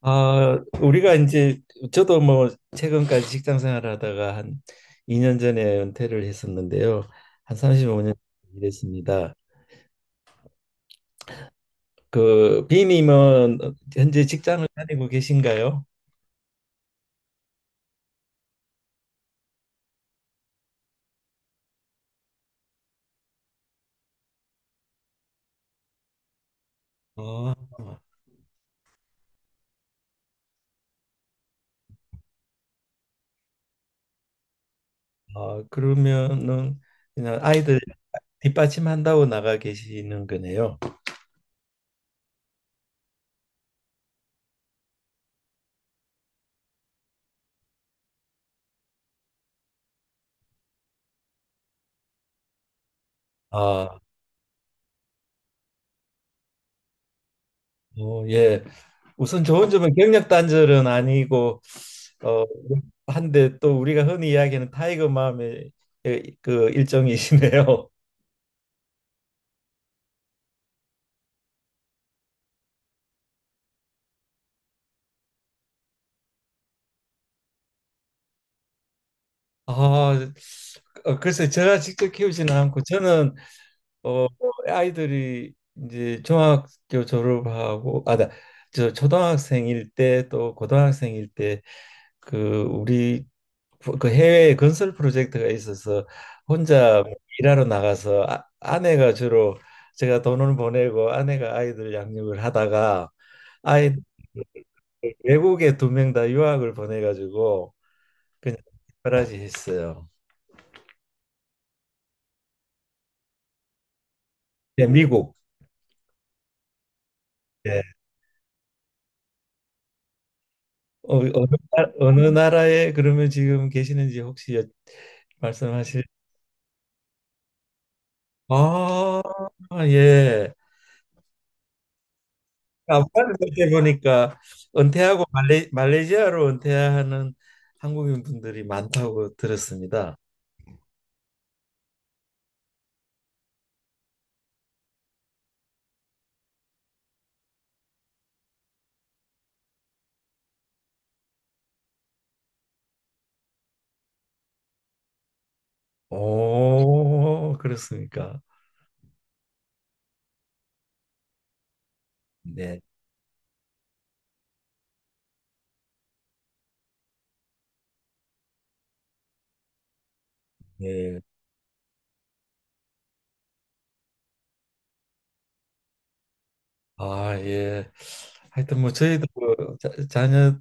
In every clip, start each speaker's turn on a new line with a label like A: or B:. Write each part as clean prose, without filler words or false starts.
A: 아, 우리가 이제 저도 뭐 최근까지 직장 생활하다가 한 2년 전에 은퇴를 했었는데요. 한 35년 일했습니다. 그 비님은 현재 직장을 다니고 계신가요? 아, 아, 그러면은 그냥 아이들 뒷받침한다고 나가 계시는 거네요. 아, 예. 우선 좋은 점은 경력 단절은 아니고 어, 한데 또 우리가 흔히 이야기하는 타이거 맘의 그 일종이시네요. 아, 글쎄 제가 직접 키우지는 않고 저는 어, 아이들이 이제 중학교 졸업하고 아, 저 초등학생일 때 또 고등학생일 때 그 우리 그 해외 건설 프로젝트가 있어서 혼자 뭐 일하러 나가서 아, 아내가 주로 제가 돈을 보내고 아내가 아이들 양육을 하다가 아이 외국에 두 명 다 유학을 보내가지고 그냥 특바하지 했어요. 네, 미국. 네. 어, 어느, 어느 나라에 그러면 지금 계시는지 혹시 말씀하실? 아, 예. 간만에 그렇게 보니까 은퇴하고 말레이시아로 은퇴하는 한국인 분들이 많다고 들었습니다. 오, 그렇습니까? 네, 네. 아, 예. 하여튼 뭐 저희도 그 자녀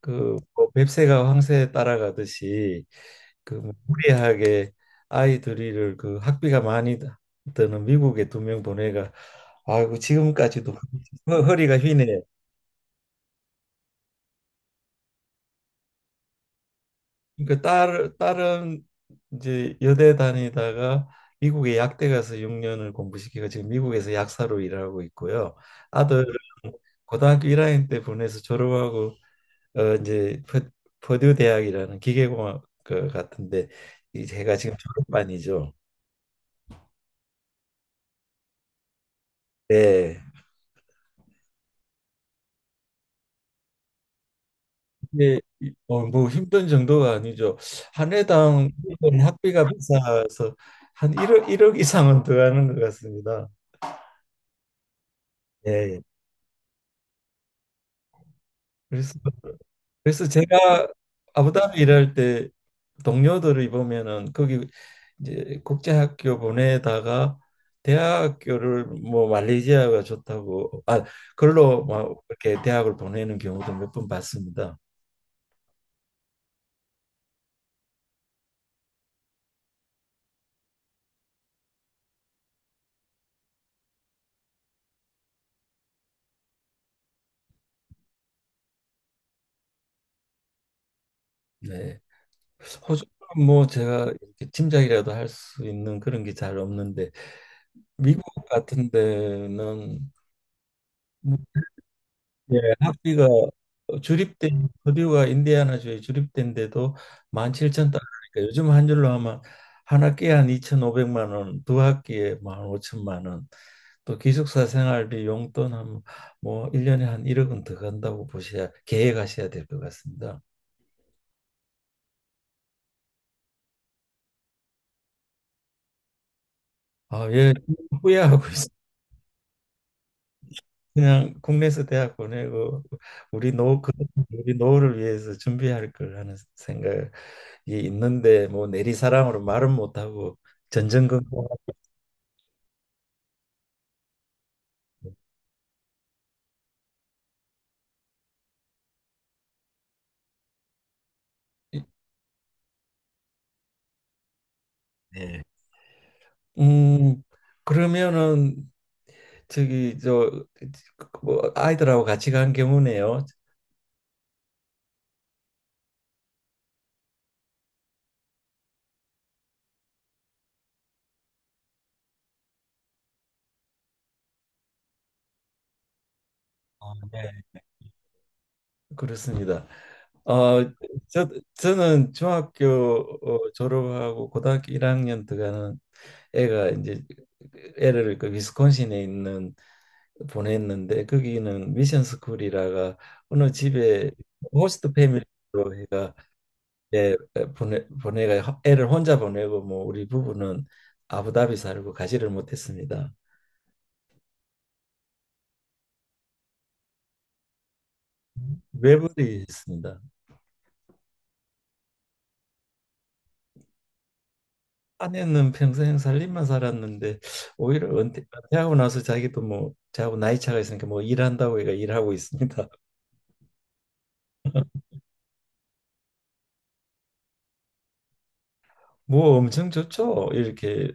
A: 그뭐 뱁새가 황새에 따라가듯이 그뭐 무리하게 아이 둘이를 그 학비가 많이 드는 미국에 두 명 보내가 아이고 지금까지도 허리가 휘네요. 그러니까 딸 딸은 이제 여대 다니다가 미국에 약대 가서 6년을 공부시키고 지금 미국에서 약사로 일하고 있고요. 아들은 고등학교 1학년 때 보내서 졸업하고 어 이제 퍼- 퍼듀 대학이라는 기계공학 그 같은데 이 제가 지금 졸업반이죠. 네. 이게 뭐 힘든 정도가 아니죠. 한 해당 일본 학비가 비싸서 한 1억 이상은 들어가는 것 같습니다. 예. 그래서 그래서 제가 아부다비 일할 때 동료들을 보면은 거기 이제 국제학교 보내다가 대학교를 뭐 말레이시아가 좋다고 아 그걸로 막 이렇게 대학을 보내는 경우도 몇 번 봤습니다. 네. 호주는 뭐 제가 이렇게 짐작이라도 할 수 있는 그런 게 잘 없는데 미국 같은 데는 뭐 예, 학비가 주립된 퍼듀가 인디애나주에 주립된데도 만7천 달러니까 요즘 한 줄로 하면 한 학기에 한 2 5오백만 원, 두 학기에 만5천만 원, 또 기숙사 생활비 용돈 한뭐 1년에 한 1억은 더 간다고 보셔야 계획하셔야 될 것 같습니다. 아, 예, 후회하고 있어요. 그냥 국내에서 대학 보내고 우리 우리 노후를 위해서 준비할 걸 하는 생각 예, 있는데 뭐 내리사랑으로 말은 못하고 전전긍긍. 네. 음 그러면은 저기 저뭐 아이들하고 같이 간 경우네요. 아, 네. 그렇습니다. 어, 저, 저는 중학교 졸업하고 고등학교 1학년 들어가는 애가 이제 애를 그 위스콘신에 있는 보냈는데 거기는 미션 스쿨이라가 어느 집에 호스트 패밀리로 해가 예, 예, 보내가 애를 혼자 보내고 뭐 우리 부부는 아부다비 살고 가지를 못했습니다. 외벌이했습니다. 아내는 평생 살림만 살았는데 오히려 은퇴, 하고 나서 자기도 뭐 저하고 나이 차가 있으니까 뭐 일한다고 얘가 일하고 있습니다. 뭐 엄청 좋죠. 이렇게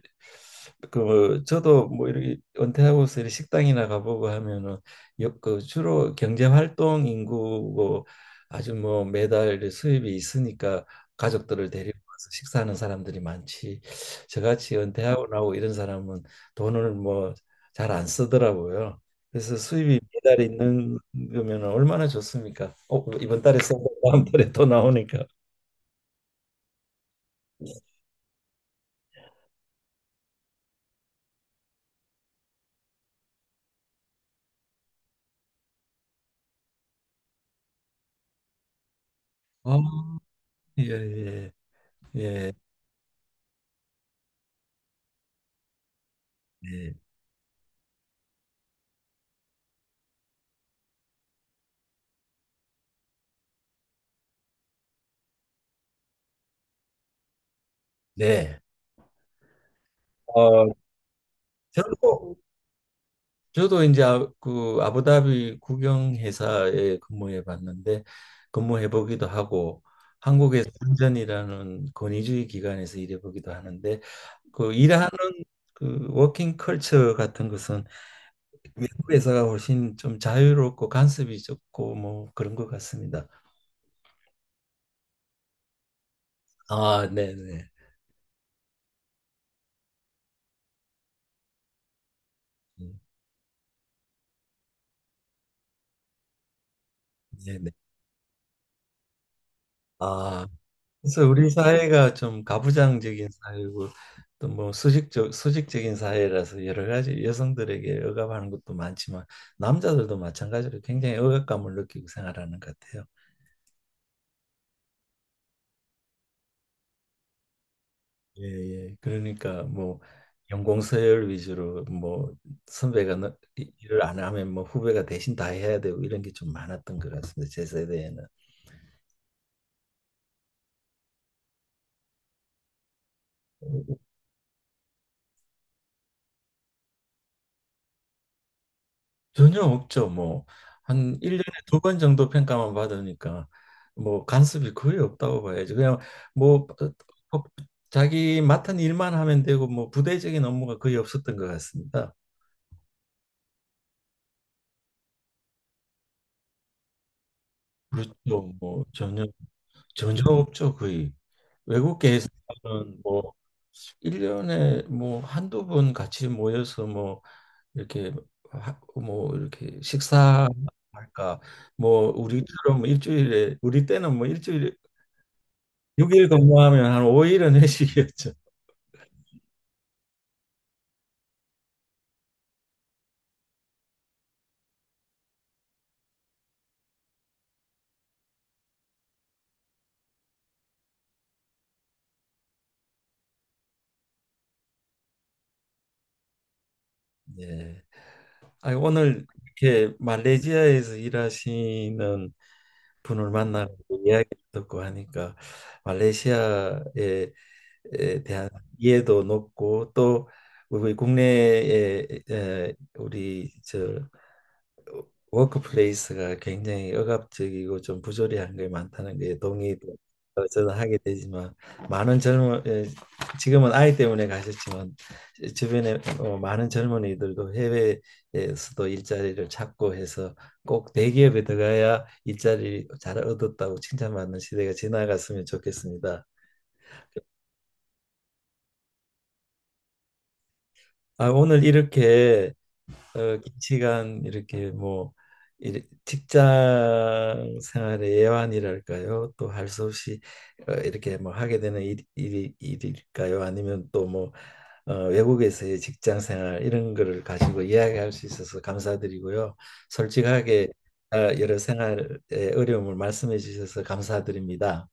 A: 그 저도 뭐 이렇게 은퇴하고서 이렇게 식당이나 가보고 하면은 그 주로 경제 활동 인구고 아주 뭐 매달 이렇게 수입이 있으니까 가족들을 데리고 와서 식사하는 사람들이 많지. 저같이 은퇴하고 나고 이런 사람은 돈을 뭐 잘 안 쓰더라고요. 그래서 수입이 매달 있는 거면 얼마나 좋습니까? 어, 이번 달에 써고 다음 달에 또 나오니까. 아, 예, 예, 예, 예. 네. 어, 저도 저도 이제 그 아부다비 국영 회사에 근무해 보기도 하고 한국의 선전이라는 권위주의 기관에서 일해 보기도 하는데 그 일하는 그 워킹 컬처 같은 것은 외국 회사가 훨씬 좀 자유롭고 간섭이 적고 뭐 그런 것 같습니다. 아, 네, 네. 네, 네. 그래서 우리 사회가 좀 가부장적인 사회고 또 뭐 수직적인 사회라서 여러 가지 여성들에게 억압하는 것도 많지만 남자들도 마찬가지로 굉장히 억압감을 느끼고 생활하는 것 같아요. 예, 예. 그러니까 뭐 연공서열 위주로 뭐 선배가 일을 안 하면 뭐 후배가 대신 다 해야 되고 이런 게 좀 많았던 것 같습니다. 제 세대에는. 전혀 없죠. 뭐 한 일년에 두 번 정도 평가만 받으니까 뭐 간섭이 거의 없다고 봐야지. 그냥 뭐 어, 어, 자기 맡은 일만 하면 되고 뭐 부대적인 업무가 거의 없었던 것 같습니다. 그렇죠. 뭐 전혀 없죠. 거의 외국계 회사는 뭐일년에뭐 한두 번 같이 모여서 뭐 이렇게 뭐 이렇게 식사할까 뭐 우리처럼 일주일에 우리 때는 뭐 일주일에 6일 근무하면 한 5일은 회식이었죠. 네. 아, 오늘 이렇게 말레이시아에서 일하시는 분을 만나고 이야기 듣고 하니까 말레이시아에 에 대한 이해도 높고 또 우리 국내에 에, 우리 저 워크플레이스가 굉장히 억압적이고 좀 부조리한 게 많다는 게 동의도 어, 저는 하게 되지만 많은 젊은 예, 지금은 아이 때문에 가셨지만 주변에 어, 많은 젊은이들도 해외에서도 일자리를 찾고 해서 꼭 대기업에 들어가야 일자리 잘 얻었다고 칭찬받는 시대가 지나갔으면 좋겠습니다. 아, 오늘 이렇게 어, 긴 시간 이렇게 뭐 직장 생활의 애환이랄까요? 또 할 수 없이 어, 이렇게 뭐 하게 되는 일일까요? 아니면 또 뭐 어, 외국에서의 직장 생활 이런 거를 가지고 이야기할 수 있어서 감사드리고요. 솔직하게 어, 여러 생활의 어려움을 말씀해 주셔서 감사드립니다.